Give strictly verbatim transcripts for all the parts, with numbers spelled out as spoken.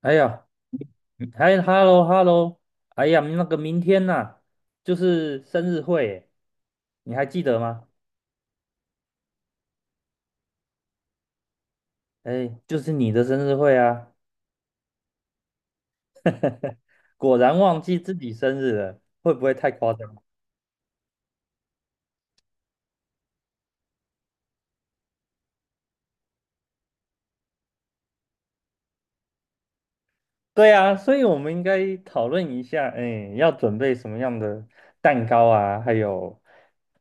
哎呀，还哎，hello hello，哎呀，那个明天呐、就是生日会耶，你还记得吗？哎，就是你的生日会啊，果然忘记自己生日了，会不会太夸张？对啊，所以我们应该讨论一下，哎，要准备什么样的蛋糕啊？还有，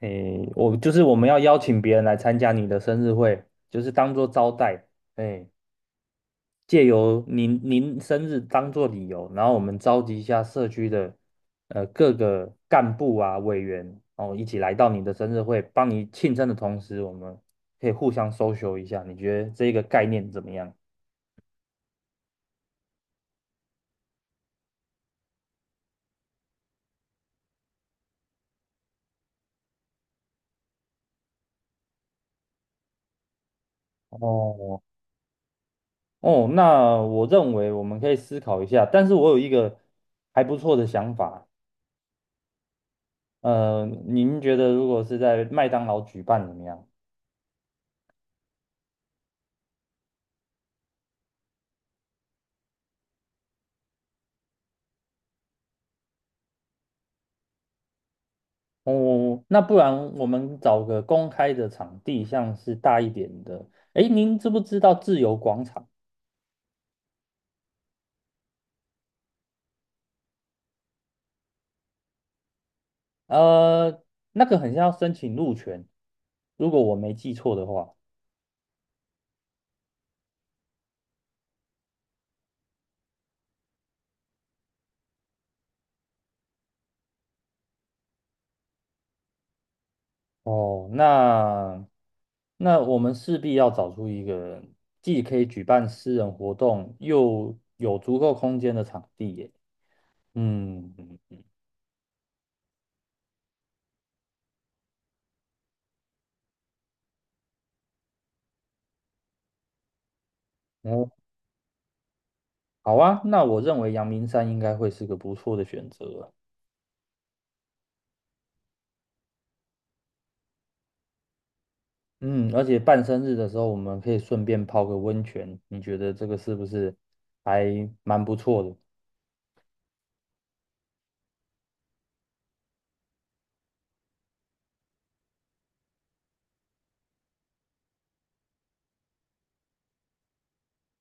哎，我就是我们要邀请别人来参加你的生日会，就是当做招待，哎。借由您您生日当做理由，然后我们召集一下社区的呃各个干部啊委员哦，一起来到你的生日会，帮你庆生的同时，我们可以互相 social 一下。你觉得这个概念怎么样？哦哦，那我认为我们可以思考一下，但是我有一个还不错的想法。呃，您觉得如果是在麦当劳举办怎么样？哦，那不然我们找个公开的场地，像是大一点的。诶，您知不知道自由广场？呃，那个很像要申请入权，如果我没记错的话。哦，那那我们势必要找出一个既可以举办私人活动，又有足够空间的场地耶。嗯，哦，好啊，那我认为阳明山应该会是个不错的选择啊。嗯，而且办生日的时候，我们可以顺便泡个温泉，你觉得这个是不是还蛮不错的？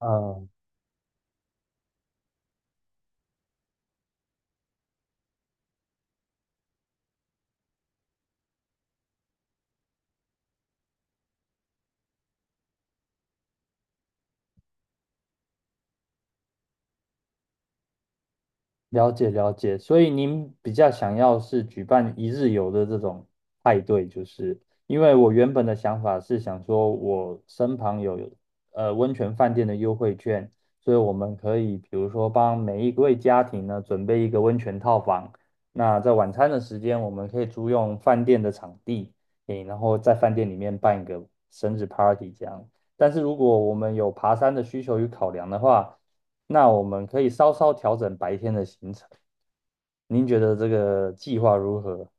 嗯。了解了解，所以您比较想要是举办一日游的这种派对，就是因为我原本的想法是想说，我身旁有呃温泉饭店的优惠券，所以我们可以比如说帮每一位家庭呢准备一个温泉套房，那在晚餐的时间我们可以租用饭店的场地，诶，然后在饭店里面办一个生日 party 这样。但是如果我们有爬山的需求与考量的话，那我们可以稍稍调整白天的行程。您觉得这个计划如何？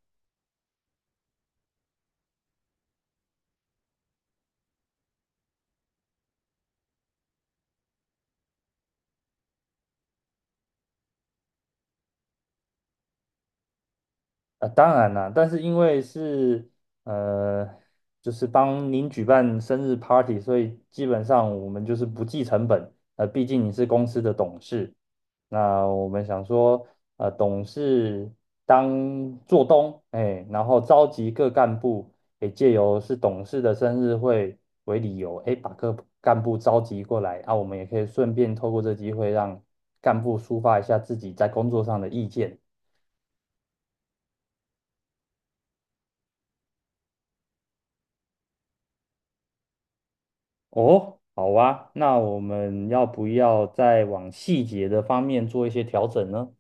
啊，当然啦，但是因为是呃，就是帮您举办生日 party，所以基本上我们就是不计成本。呃，毕竟你是公司的董事，那我们想说，呃，董事当做东，哎，然后召集各干部，也借由是董事的生日会为理由，哎，把各干部召集过来，啊，我们也可以顺便透过这机会让干部抒发一下自己在工作上的意见。哦，好啊，那我们要不要再往细节的方面做一些调整呢？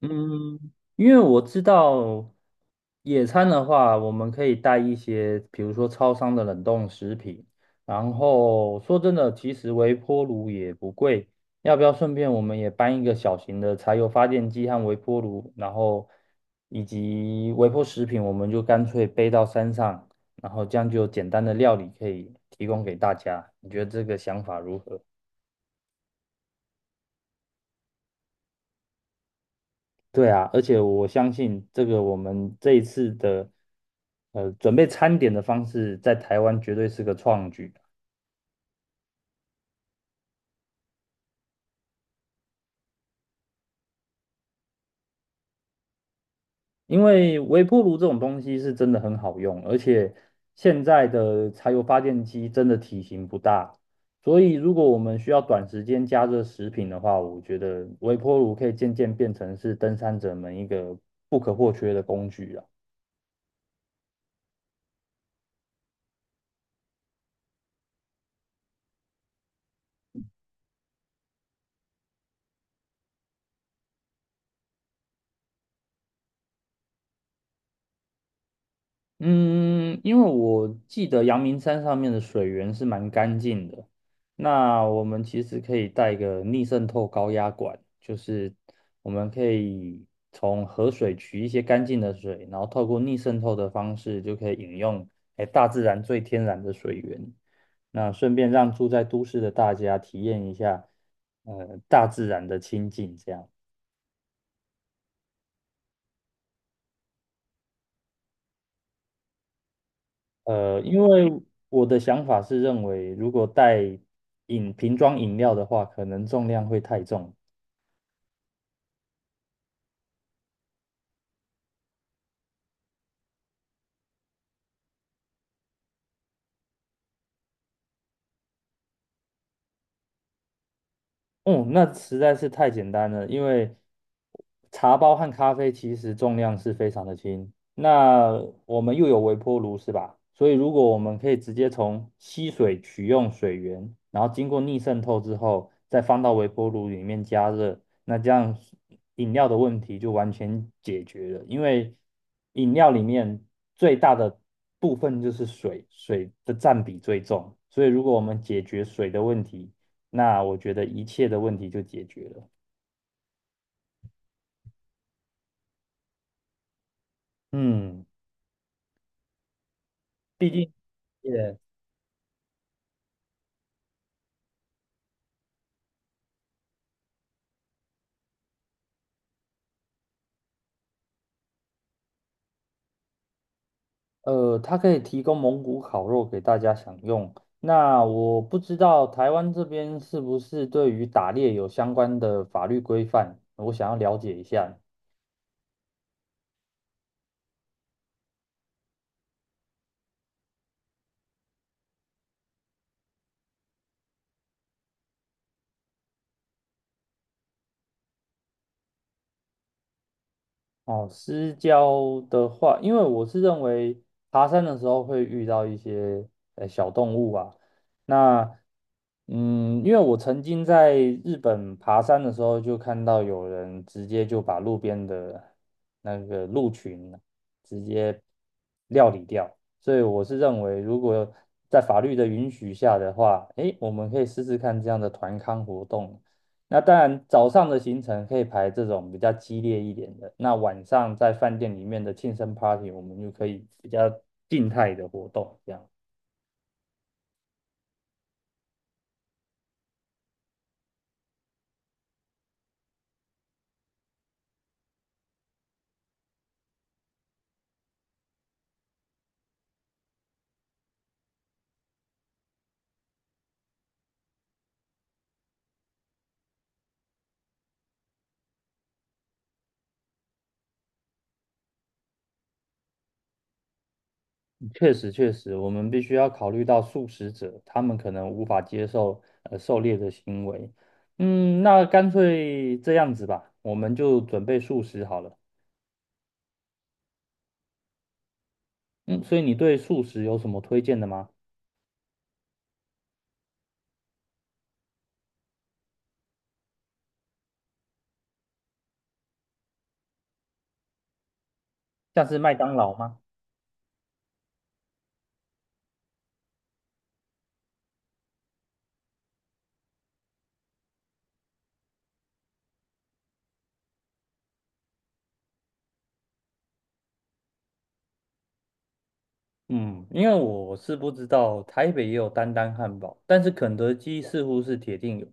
嗯，因为我知道野餐的话，我们可以带一些，比如说超商的冷冻食品。然后说真的，其实微波炉也不贵。要不要顺便我们也搬一个小型的柴油发电机和微波炉，然后以及微波食品，我们就干脆背到山上，然后这样就有简单的料理可以提供给大家。你觉得这个想法如何？对啊，而且我相信这个我们这一次的呃准备餐点的方式，在台湾绝对是个创举，因为微波炉这种东西是真的很好用，而且现在的柴油发电机真的体型不大，所以如果我们需要短时间加热食品的话，我觉得微波炉可以渐渐变成是登山者们一个不可或缺的工具啊。嗯，因为我记得阳明山上面的水源是蛮干净的，那我们其实可以带个逆渗透高压管，就是我们可以从河水取一些干净的水，然后透过逆渗透的方式就可以饮用，哎，大自然最天然的水源。那顺便让住在都市的大家体验一下，呃，大自然的亲近，这样。呃，因为我的想法是认为，如果带饮瓶装饮料的话，可能重量会太重，嗯，那实在是太简单了，因为茶包和咖啡其实重量是非常的轻。那我们又有微波炉是吧？所以如果我们可以直接从吸水取用水源，然后经过逆渗透之后，再放到微波炉里面加热，那这样饮料的问题就完全解决了。因为饮料里面最大的部分就是水，水的占比最重。所以如果我们解决水的问题，那我觉得一切的问题就解决了。嗯，毕竟也呃，它可以提供蒙古烤肉给大家享用。那我不知道台湾这边是不是对于打猎有相关的法律规范，我想要了解一下。哦，私交的话，因为我是认为爬山的时候会遇到一些呃小动物啊。那嗯，因为我曾经在日本爬山的时候，就看到有人直接就把路边的那个鹿群直接料理掉，所以我是认为，如果在法律的允许下的话，诶，我们可以试试看这样的团康活动。那当然，早上的行程可以排这种比较激烈一点的，那晚上在饭店里面的庆生 party，我们就可以比较静态的活动。这样，确实确实，我们必须要考虑到素食者，他们可能无法接受呃狩猎的行为。嗯，那干脆这样子吧，我们就准备素食好了。嗯，所以你对素食有什么推荐的吗？像是麦当劳吗？嗯，因为我是不知道台北也有丹丹汉堡，但是肯德基似乎是铁定有。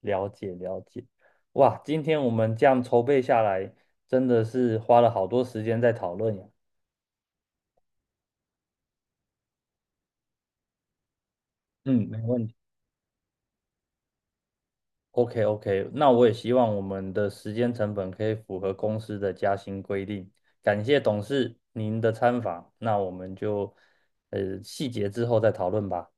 了解了解，哇，今天我们这样筹备下来，真的是花了好多时间在讨论呀。嗯，没问题。OK OK，那我也希望我们的时间成本可以符合公司的加薪规定。感谢董事您的参访，那我们就呃细节之后再讨论吧。